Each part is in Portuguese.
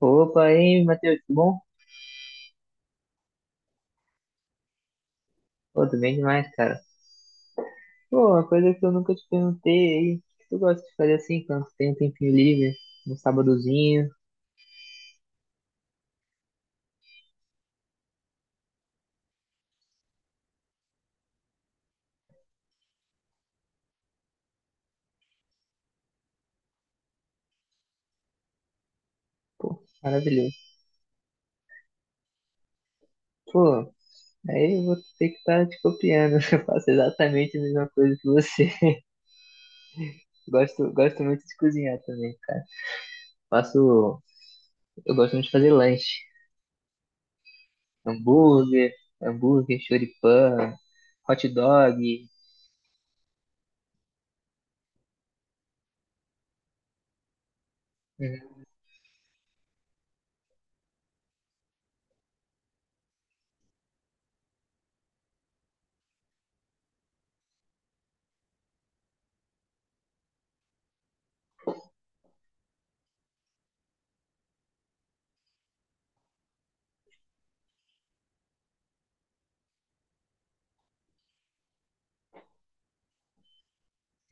Opa, aí, Matheus, tudo bom? Pô, tudo bem demais, cara. Pô, uma coisa que eu nunca te perguntei aí, o que tu gosta de fazer assim, quando tu tem um tempinho livre, um sábadozinho? Pô, maravilhoso. Pô, aí eu vou ter que estar te copiando, eu faço exatamente a mesma coisa que você. Gosto, gosto muito de cozinhar também, cara. Faço, eu gosto muito de fazer lanche, hambúrguer, hambúrguer, choripã, hot dog.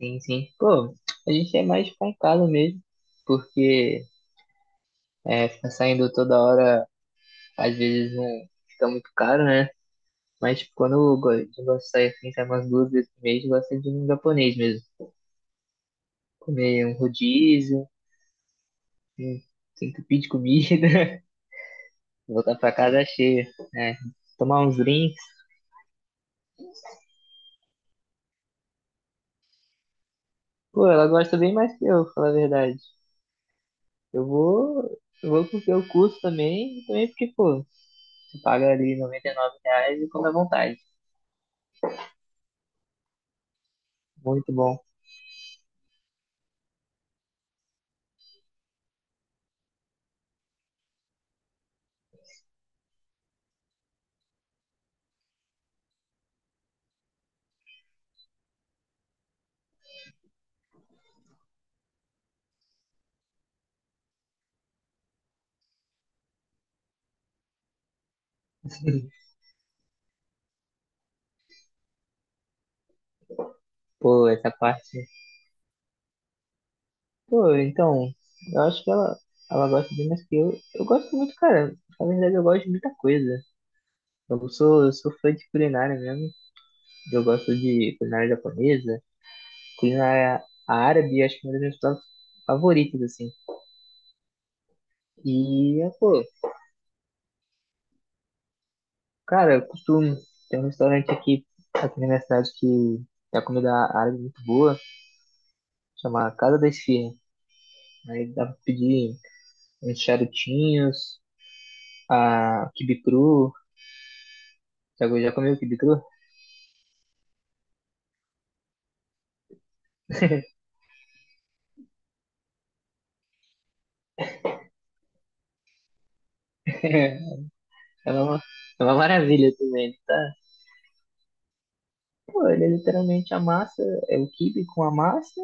Sim, sim. Pô, a gente é mais pancada mesmo, porque é, ficar saindo toda hora, às vezes não fica muito caro, né? Mas tipo, quando eu gosto de sair assim, sai umas duas vezes por mês, eu gosto de ir num japonês mesmo. Comer um rodízio, um- se entupir de comida, voltar pra casa cheia, né? Tomar uns drinks. Pô, ela gosta bem mais que eu, falar a verdade. Eu vou porque eu curso também, e também porque, pô, você paga ali R$99 e come à vontade. Muito bom. Pô, essa parte. Pô, então, eu acho que ela gosta de mais que eu. Eu gosto muito, cara. Na verdade, eu gosto de muita coisa. Eu sou fã de culinária mesmo. Eu gosto de culinária japonesa, culinária árabe, acho que é uma das minhas pratos favoritas, assim. E, é, pô, cara, eu costumo. Tem um restaurante aqui, na minha cidade que é a comida árabe muito boa, chama Casa da Esfirra. Aí dá pra pedir uns charutinhos, a quibe cru. Já, já comeu quibe cru? é, uma, é uma maravilha também, tá? Pô, ele é literalmente amassa, é o quibe com a massa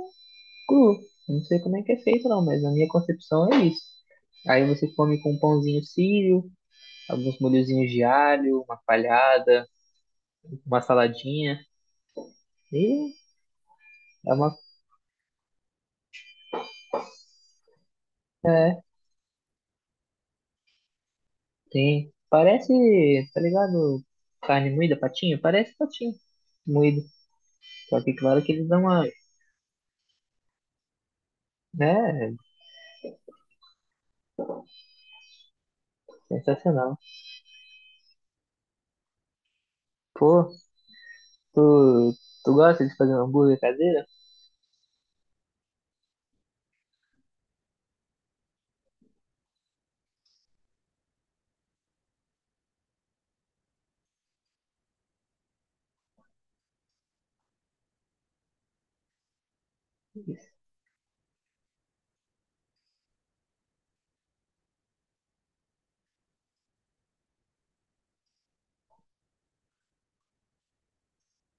cru. Eu não sei como é que é feito não, mas na minha concepção é isso. Aí você come com um pãozinho sírio, alguns molhozinhos de alho, uma palhada, uma saladinha. E é uma. É, tem. Parece, tá ligado? Carne moída, patinho? Parece patinho moído. Só que claro que eles dão uma. É, sensacional. Pô, tu gosta de fazer um hambúrguer caseiro?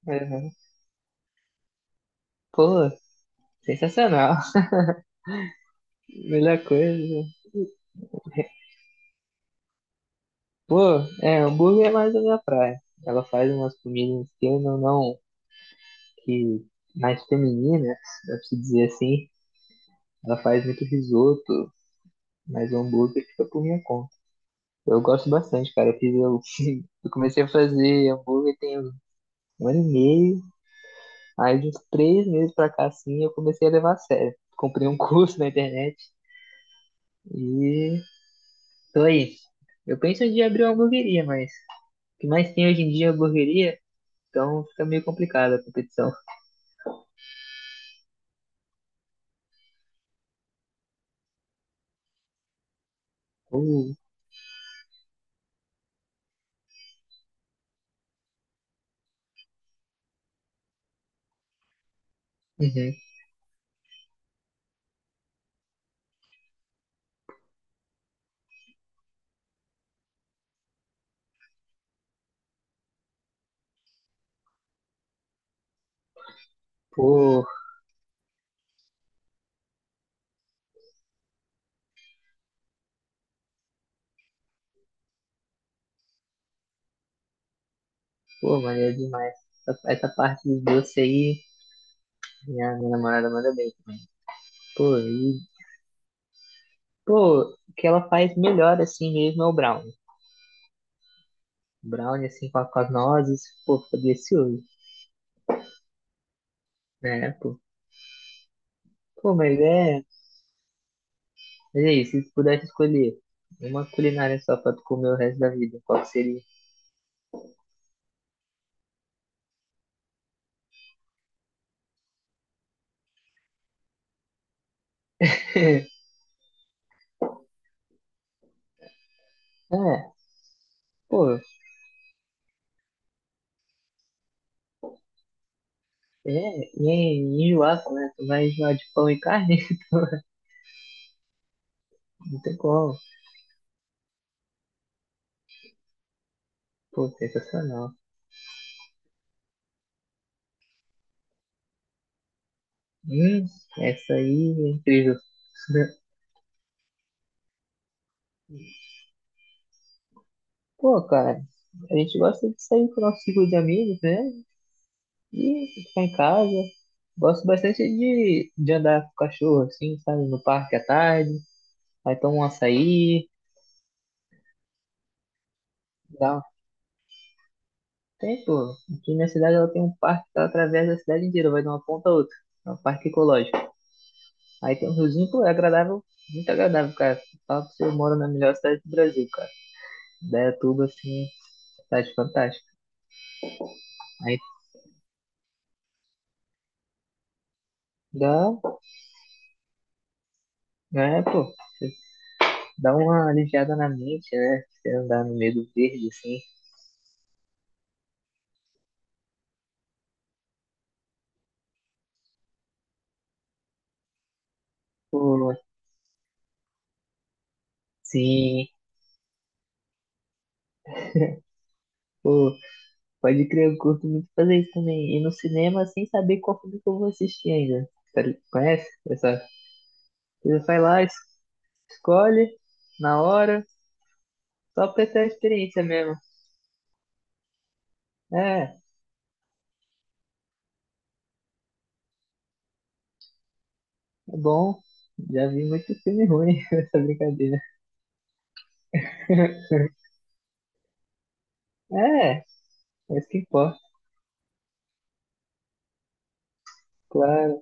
Uhum. Pô, sensacional. Melhor coisa. Pô, é, hambúrguer é mais a minha praia. Ela faz umas comidas que eu não, não que mais femininas, dá pra se dizer assim. Ela faz muito risoto, mas o hambúrguer fica por minha conta. Eu gosto bastante, cara. Eu comecei a fazer hambúrguer tem um ano e meio. Aí de uns 3 meses pra cá assim eu comecei a levar a sério. Comprei um curso na internet e dois. Eu penso em abrir uma hamburgueria, mas o que mais tem hoje em dia é hamburgueria, então fica meio complicada a competição. Uh, uhum. Pô, pô, maneiro demais. Essa parte do doce aí, minha namorada manda bem também. Pô, e, pô, o que ela faz melhor assim mesmo é o brownie. Brownie assim com, com as nozes, pô, fica delicioso, né, pô. Pô, mas é isso, se tu pudesse escolher uma culinária só pra tu comer o resto da vida, qual que seria? É, pô, é, e é enjoaça, né? Tu vai enjoar de pão e carne? Não tem como. Pô, sensacional. Hum, essa aí é incrível. Pô, cara, a gente gosta de sair com o nosso ciclo de amigos, né? E ficar em casa. Gosto bastante de andar com o cachorro, assim, sabe? No parque à tarde. Aí toma um açaí. Dá um... Tem, pô. Aqui na cidade ela tem um parque que ela atravessa a cidade inteira, vai de uma ponta a outra. É um parque ecológico. Aí tem um riozinho, pô, é agradável, muito agradável, cara. Fala pra você, eu moro na melhor cidade do Brasil, cara. Indaiatuba, assim, cidade fantástica. Aí dá, né, pô, você dá uma aliviada na mente, né? Você andar no meio do verde, assim, pô, sim, pô, pode crer, eu curto muito fazer isso também. Ir no cinema sem saber qual filme que eu vou assistir ainda. Conhece? Essa, você vai lá, escolhe, na hora, só pra ter a experiência mesmo. É. É bom. Já vi muito filme ruim nessa brincadeira. É, é isso que importa, claro.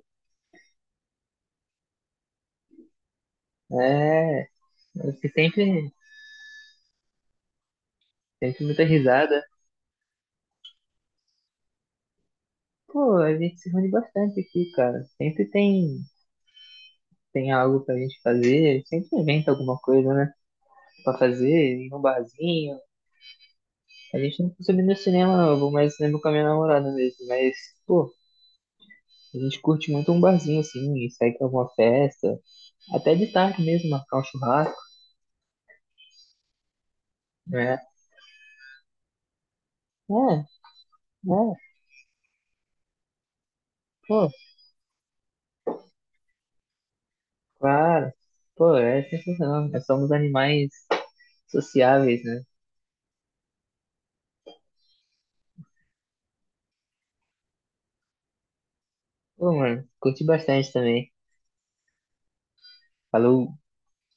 É, é que sempre muita risada. Pô, a gente se reúne bastante aqui, cara. Sempre tem algo pra gente fazer, sempre inventa alguma coisa, né? Pra fazer, ir num barzinho. A gente não costuma ir no cinema, não. Eu vou mais no cinema com a minha namorada mesmo. Mas, pô, a gente curte muito um barzinho assim, e sai pra alguma festa. Até de tarde mesmo, marcar um churrasco, né? É, é, pô. Claro. Pô, é sensacional. Nós somos animais sociáveis, né? Pô, mano, curti bastante também. Falou.